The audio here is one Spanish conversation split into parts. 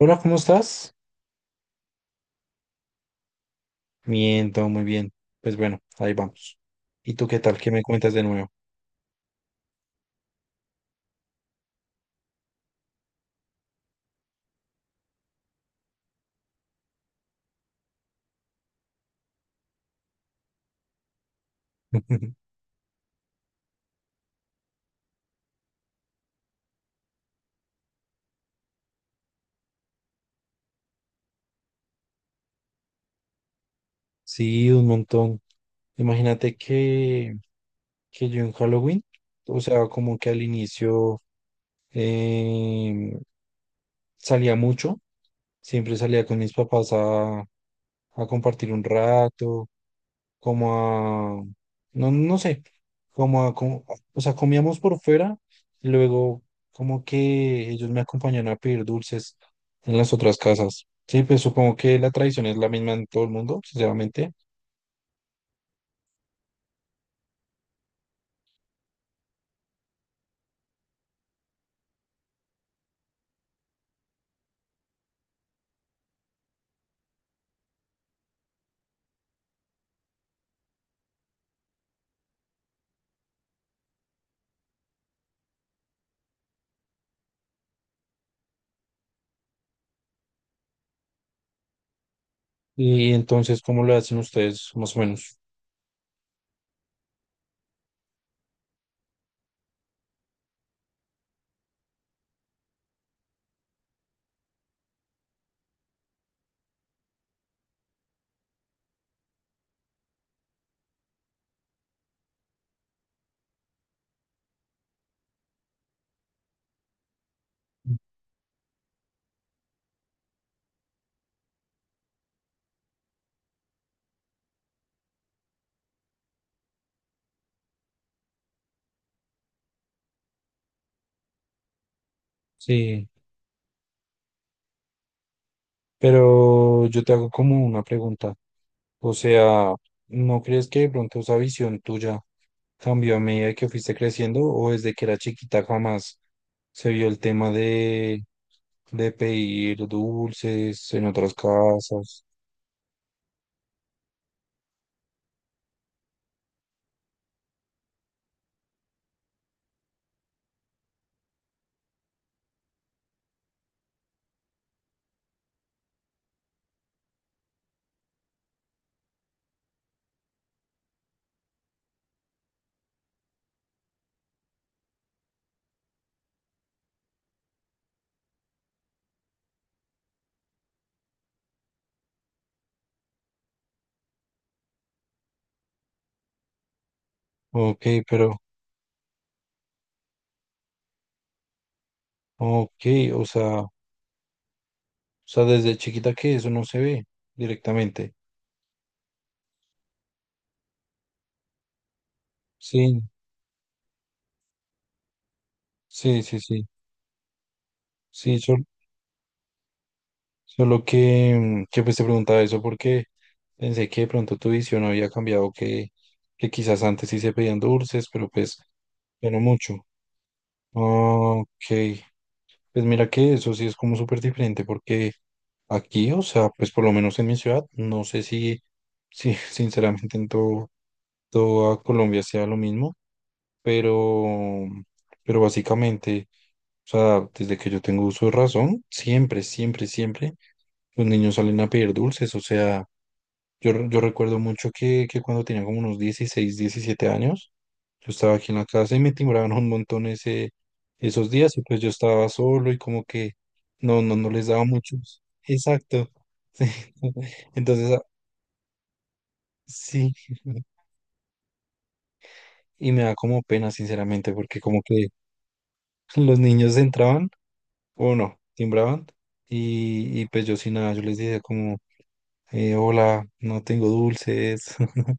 Hola, ¿cómo estás? Bien, todo muy bien. Pues bueno, ahí vamos. ¿Y tú qué tal? ¿Qué me cuentas de nuevo? Sí, un montón. Imagínate que yo en Halloween, o sea, como que al inicio em, salía mucho, siempre salía con mis papás a compartir un rato, como a, no, no sé, como a, como- o sea, comíamos por fuera, y luego como que ellos me acompañaban a pedir dulces en las otras casas. Sí, pues supongo que la tradición es la misma en todo el mundo, sinceramente. Y entonces, ¿cómo lo hacen ustedes, más o menos? Sí, pero yo te hago como una pregunta. O sea, ¿no crees que de pronto esa visión tuya cambió a medida que fuiste creciendo o desde que era chiquita jamás se vio el tema de pedir dulces en otras casas? Ok, pero, ok, o sea, desde chiquita que eso no se ve directamente. Sí. Sí, sí, sí. Sí, sol- Solo que que pues te preguntaba eso porque pensé que de pronto tu visión había cambiado, que quizás antes sí se pedían dulces, pero pues ya no mucho. Ah, ok, pues mira que eso sí es como súper diferente porque aquí, o sea, pues por lo menos en mi ciudad, no sé si sinceramente en toda Colombia sea lo mismo, pero, pero básicamente... O sea, desde que yo tengo uso de razón, siempre, siempre, siempre los niños salen a pedir dulces. O sea, yo recuerdo mucho que cuando tenía como unos 16 17 años, yo estaba aquí en la casa y me timbraban un montón esos días y pues yo estaba solo y como que no, no, no les daba muchos. Exacto. Sí. Entonces, ah, sí. Y me da como pena, sinceramente, porque como que los niños entraban o no, timbraban y pues yo sin nada, yo les decía como, hola, no tengo dulces.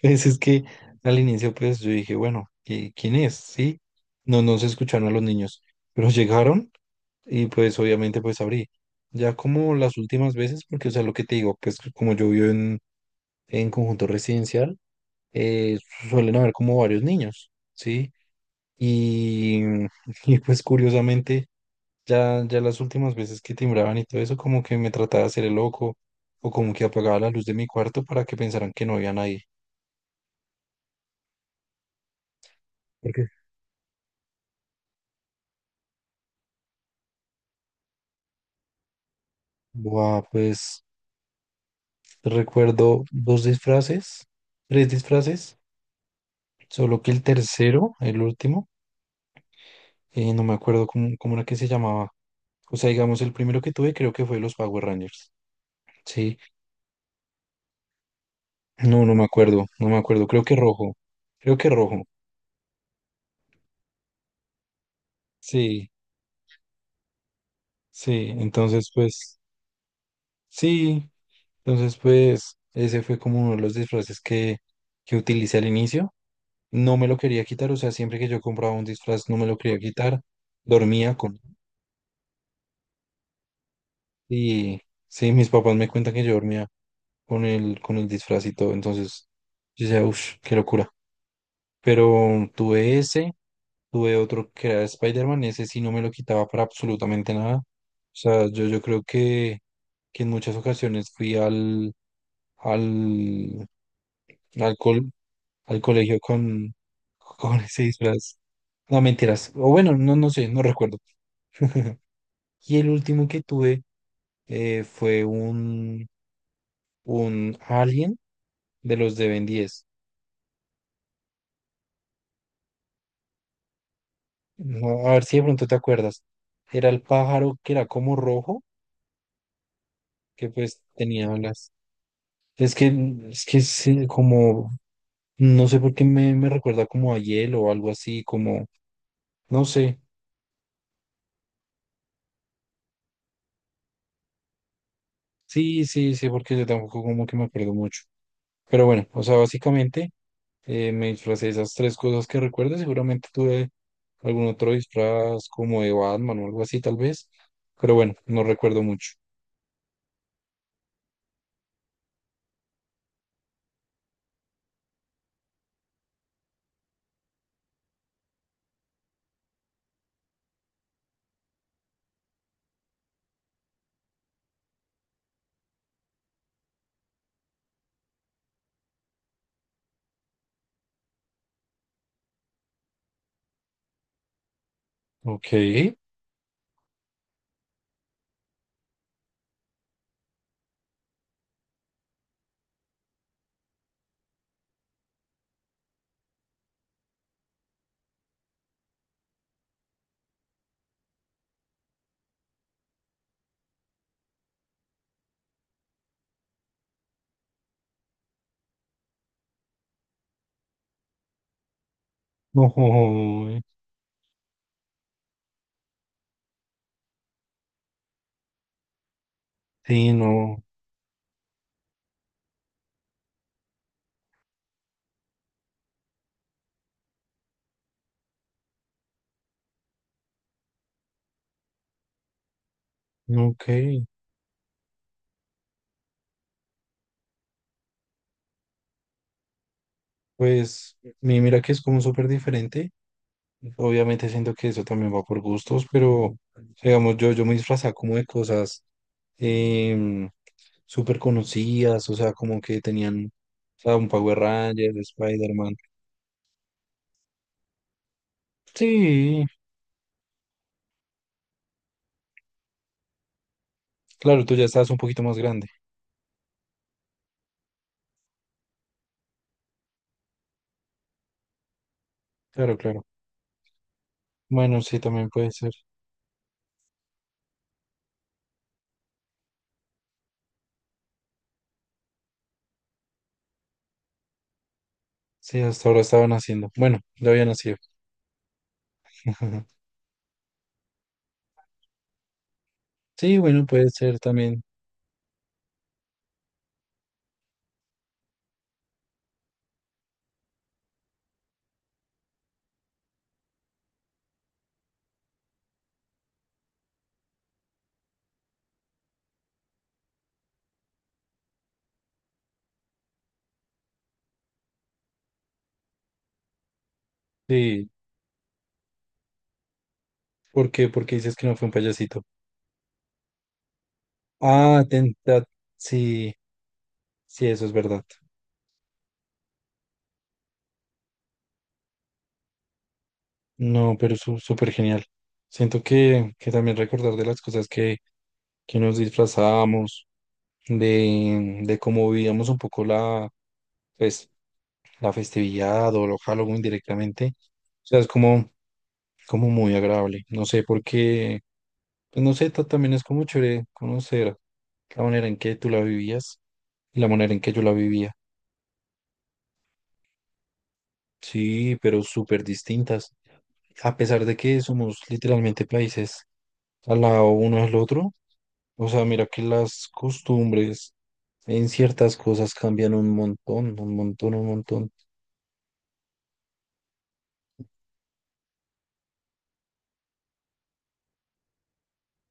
Pues es que al inicio pues yo dije, bueno, ¿quién es? ¿Sí? No, no se escucharon a los niños, pero llegaron y pues obviamente pues abrí. Ya como las últimas veces, porque o sea, lo que te digo, pues como yo vivo en conjunto residencial, eh, suelen haber como varios niños, ¿sí? Y y pues curiosamente... Ya las últimas veces que timbraban y todo eso, como que me trataba de hacer el loco o como que apagaba la luz de mi cuarto para que pensaran que no había nadie. ¿Por qué? Buah, pues recuerdo dos disfraces, tres disfraces, solo que el tercero, el último, no me acuerdo cómo era que se llamaba. O sea, digamos, el primero que tuve creo que fue los Power Rangers. Sí, no, no me acuerdo, no me acuerdo, creo que rojo, creo que rojo. Sí, sí, entonces pues sí, entonces, pues, ese fue como uno de los disfraces que utilicé al inicio. No me lo quería quitar, o sea, siempre que yo compraba un disfraz no me lo quería quitar. Dormía con... Y sí, mis papás me cuentan que yo dormía con el disfraz y todo. Entonces, yo decía, uff, qué locura. Pero tuve ese, tuve otro que era Spider-Man, ese sí no me lo quitaba para absolutamente nada. O sea, yo creo que en muchas ocasiones fui al, alcohol al colegio con ese disfraz. No, mentiras. O bueno, no, no sé, no recuerdo. Y el último que tuve fue un alien de los de Ben 10. No, a ver si de pronto te acuerdas. Era el pájaro que era como rojo, que pues tenía alas. Es que, es que es como, no sé por qué me recuerda como a hielo o algo así, como, no sé. Sí, sí, sí, porque yo tampoco como que me acuerdo mucho. Pero bueno, o sea, básicamente me disfracé de esas tres cosas que recuerdo. Seguramente tuve algún otro disfraz como de Batman o algo así, tal vez. Pero bueno, no recuerdo mucho. Ok. Ojo, sí, no. Ok. Pues mira que es como súper diferente. Obviamente siento que eso también va por gustos, pero digamos, yo me disfrazaba como de cosas em, súper conocidas, o sea, como que tenían, o sea, un Power Ranger, Spider-Man. Sí, claro, tú ya estabas un poquito más grande. Claro, claro. Bueno, sí, también puede ser. Sí, hasta ahora estaban haciendo. Bueno, ya había nacido. Sí, bueno, puede ser también. Sí. ¿Por qué? Porque dices que no fue un payasito. Ah, tenta. Sí, sí, eso es verdad. No, pero súper genial. Siento que también recordar de las cosas que nos disfrazábamos, de cómo vivíamos un poco la, pues, la festividad o lo Halloween directamente. O sea, es como. Como muy agradable. No sé por qué, pues no sé, también es como chévere conocer la manera en que tú la vivías y la manera en que yo la vivía. Sí, pero súper distintas. A pesar de que somos literalmente países al lado uno del otro, o sea, mira que las costumbres en ciertas cosas cambian un montón, un montón, un montón.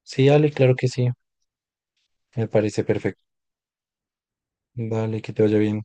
Sí, dale, claro que sí, me parece perfecto. Dale, que te vaya bien.